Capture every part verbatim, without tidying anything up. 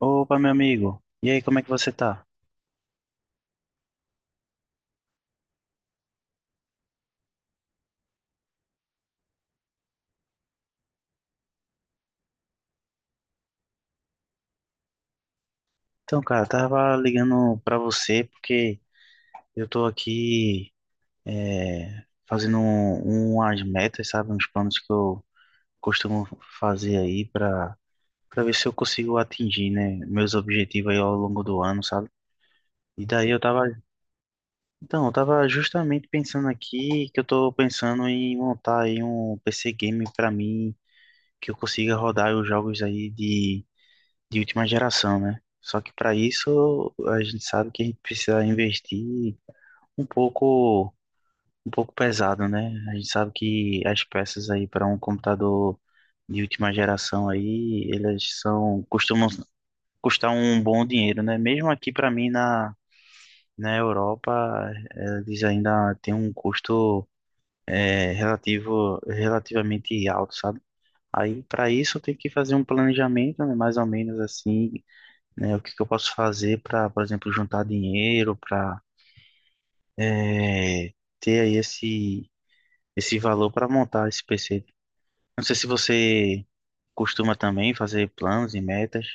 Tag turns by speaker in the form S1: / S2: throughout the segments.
S1: Opa, meu amigo. E aí, como é que você tá? Então, cara, eu tava ligando pra você porque eu tô aqui é, fazendo um- umas metas, sabe? Uns planos que eu costumo fazer aí pra, pra ver se eu consigo atingir, né? Meus objetivos aí ao longo do ano, sabe? E daí eu tava, então, eu tava justamente pensando aqui que eu tô pensando em montar aí um P C game pra mim, que eu consiga rodar os jogos aí de de última geração, né? Só que para isso a gente sabe que a gente precisa investir um pouco, um pouco pesado, né? A gente sabe que as peças aí para um computador de última geração aí, elas são costumam custar um bom dinheiro, né? Mesmo aqui para mim na na Europa, eles ainda têm um custo é, relativo relativamente alto, sabe? Aí, para isso, eu tenho que fazer um planejamento, né, mais ou menos assim, né? O que que eu posso fazer para, por exemplo, juntar dinheiro, para ter aí esse, esse valor para montar esse P C. Não sei se você costuma também fazer planos e metas.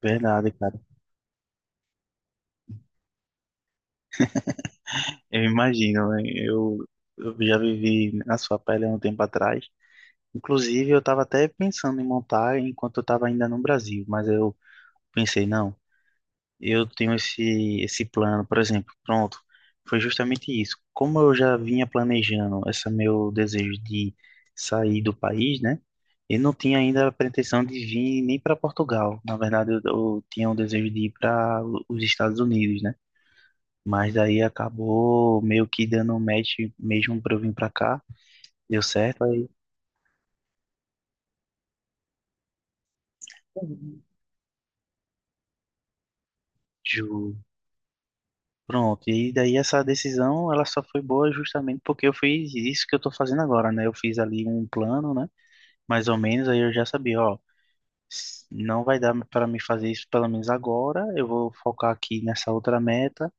S1: Verdade, cara. Eu imagino, né? Eu, eu já vivi na sua pele há um tempo atrás. Inclusive, eu estava até pensando em montar enquanto eu estava ainda no Brasil, mas eu pensei, não. Eu tenho esse, esse plano, por exemplo, pronto, foi justamente isso. Como eu já vinha planejando esse meu desejo de sair do país, né? Eu não tinha ainda a pretensão de vir nem para Portugal. Na verdade, eu, eu tinha um desejo de ir para os Estados Unidos, né? Mas daí acabou meio que dando um match mesmo para eu vir para cá. Deu certo, aí Ju. Pronto, e daí essa decisão ela só foi boa justamente porque eu fiz isso que eu tô fazendo agora, né? Eu fiz ali um plano, né? Mais ou menos, aí eu já sabia, ó, s- não vai dar para mim fazer isso pelo menos agora, eu vou focar aqui nessa outra meta,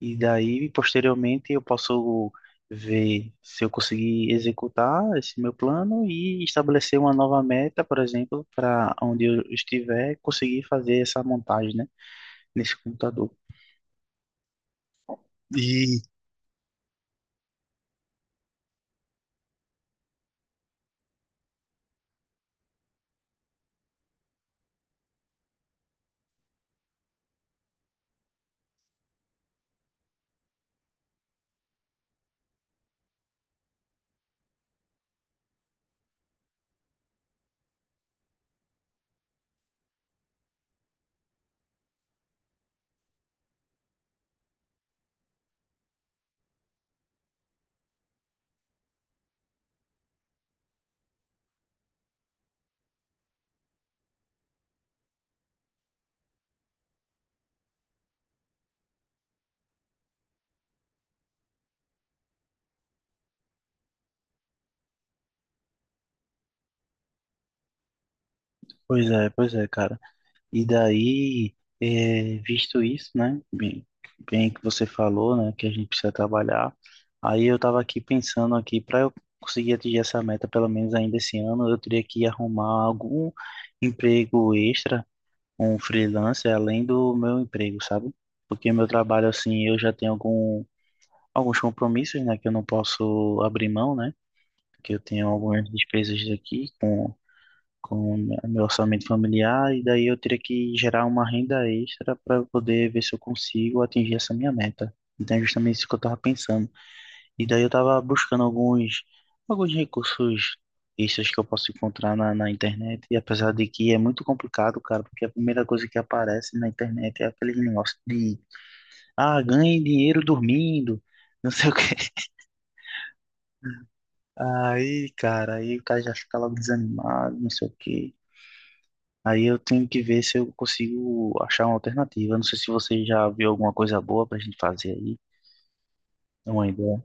S1: e daí, posteriormente, eu posso ver se eu conseguir executar esse meu plano e estabelecer uma nova meta, por exemplo, para onde eu estiver, conseguir fazer essa montagem, né, nesse computador. E, pois é, pois é, cara. E daí, é, visto isso, né? Bem, bem que você falou, né? Que a gente precisa trabalhar. Aí eu tava aqui pensando aqui, para eu conseguir atingir essa meta, pelo menos ainda esse ano, eu teria que arrumar algum emprego extra, um freelancer, além do meu emprego, sabe? Porque meu trabalho, assim, eu já tenho algum, alguns compromissos, né? Que eu não posso abrir mão, né? Porque eu tenho algumas despesas aqui com com o meu orçamento familiar e daí eu teria que gerar uma renda extra para poder ver se eu consigo atingir essa minha meta. Então é justamente isso que eu estava pensando. E daí eu estava buscando alguns alguns recursos extras que eu posso encontrar na, na internet e apesar de que é muito complicado, cara, porque a primeira coisa que aparece na internet é aquele negócio de ah, ganhe dinheiro dormindo. Não sei o quê. Aí, cara, aí o cara já fica logo desanimado, não sei o quê. Aí eu tenho que ver se eu consigo achar uma alternativa. Não sei se você já viu alguma coisa boa pra gente fazer aí. É uma ideia.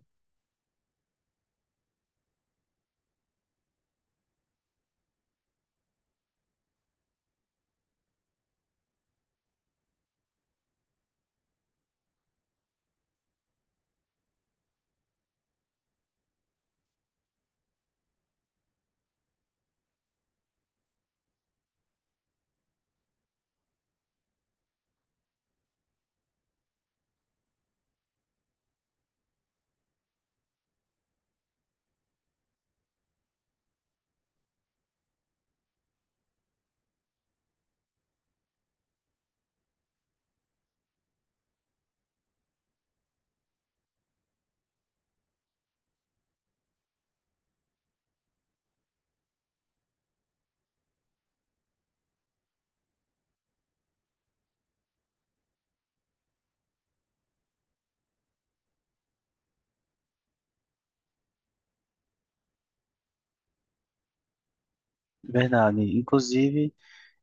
S1: Verdade. Inclusive,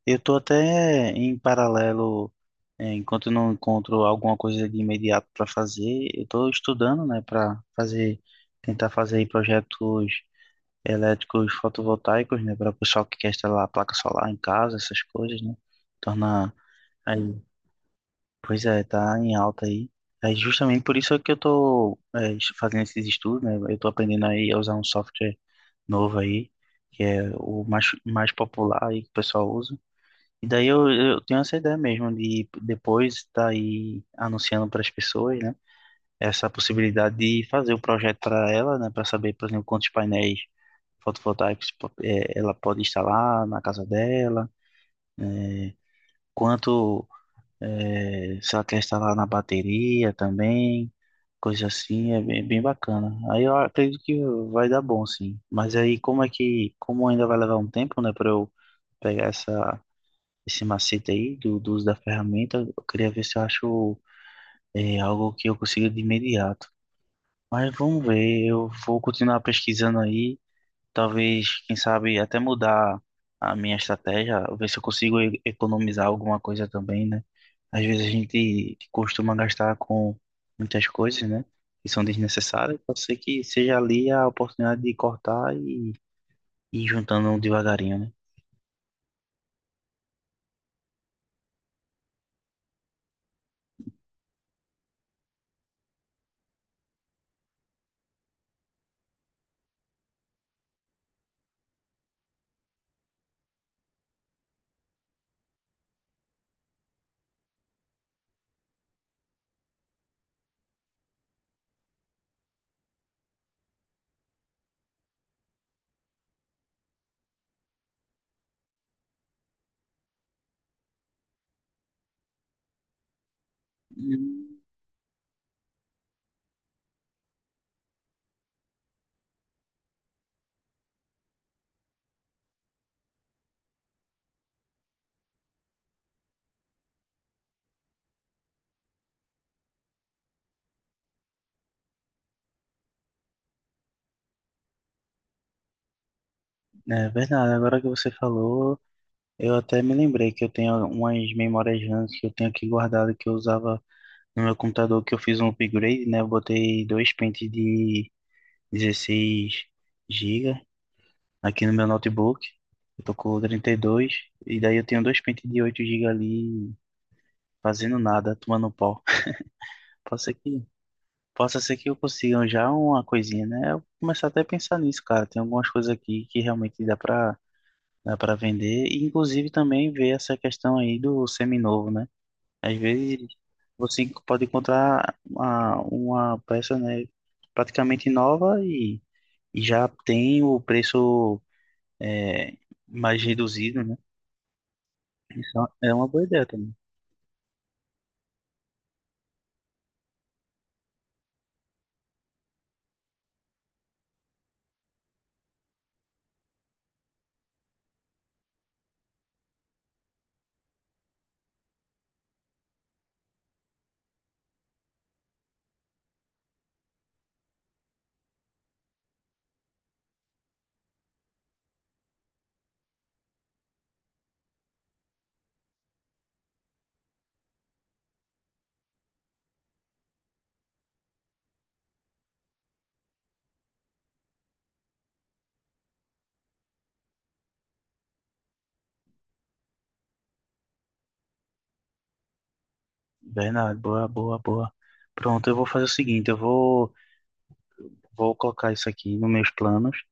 S1: eu tô até em paralelo, eh, enquanto eu não encontro alguma coisa de imediato para fazer, eu tô estudando, né, para fazer, tentar fazer aí projetos elétricos fotovoltaicos, né, para o pessoal que quer instalar a placa solar em casa, essas coisas, né? Tornar aí pois é, tá em alta aí. É justamente por isso que eu tô é, es- fazendo esses estudos, né? Eu tô aprendendo aí a usar um software novo aí, que é o mais, mais popular aí que o pessoal usa. E daí eu, eu tenho essa ideia mesmo de depois estar aí anunciando para as pessoas, né? Essa possibilidade de fazer o projeto para ela, né? Para saber, por exemplo, quantos painéis fotovoltaicos po- é, ela pode instalar na casa dela, quanto eh, se ela quer instalar na bateria também, coisa assim, é bem, bem bacana. Aí eu acredito que vai dar bom, sim. Mas aí como é que, como ainda vai levar um tempo, né, para eu pegar essa, esse macete aí do, do uso da ferramenta, eu queria ver se eu acho eh, algo que eu consiga de imediato. Mas vamos ver, eu vou continuar pesquisando aí. Talvez, quem sabe, até mudar a minha estratégia, ver se eu consigo e- economizar alguma coisa também, né? Às vezes a gente costuma gastar com muitas coisas, né? Que são desnecessárias. Pode ser que seja ali a oportunidade de cortar e e ir juntando devagarinho, né? Hum, é verdade. Agora que você falou, eu até me lembrei que eu tenho umas memórias RAM que eu tenho aqui guardado que eu usava no meu computador, que eu fiz um upgrade, né? Eu botei dois pentes de dezesseis gigas aqui no meu notebook. Eu tô com trinta e dois e daí eu tenho dois pentes de oito gigas ali fazendo nada, tomando pau. Possa ser que, possa ser que eu consiga já uma coisinha, né? Eu começar até a pensar nisso, cara. Tem algumas coisas aqui que realmente dá pra, dá pra vender e inclusive também ver essa questão aí do seminovo, né? Às vezes você pode encontrar uma, uma peça, né, praticamente nova e e já tem o preço é, mais reduzido, né? Isso é uma boa ideia também. Bernardo, boa, boa, boa. Pronto, eu vou fazer o seguinte, eu vou, vou colocar isso aqui nos meus planos,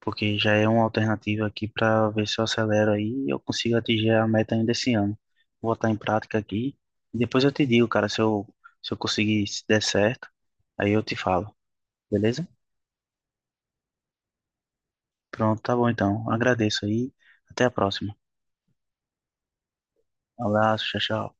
S1: porque já é uma alternativa aqui para ver se eu acelero aí e eu consigo atingir a meta ainda esse ano. Vou botar em prática aqui. E depois eu te digo, cara, se eu, se eu conseguir, se der certo, aí eu te falo, beleza? Pronto, tá bom então. Agradeço aí. Até a próxima. Abraço, tchau, tchau.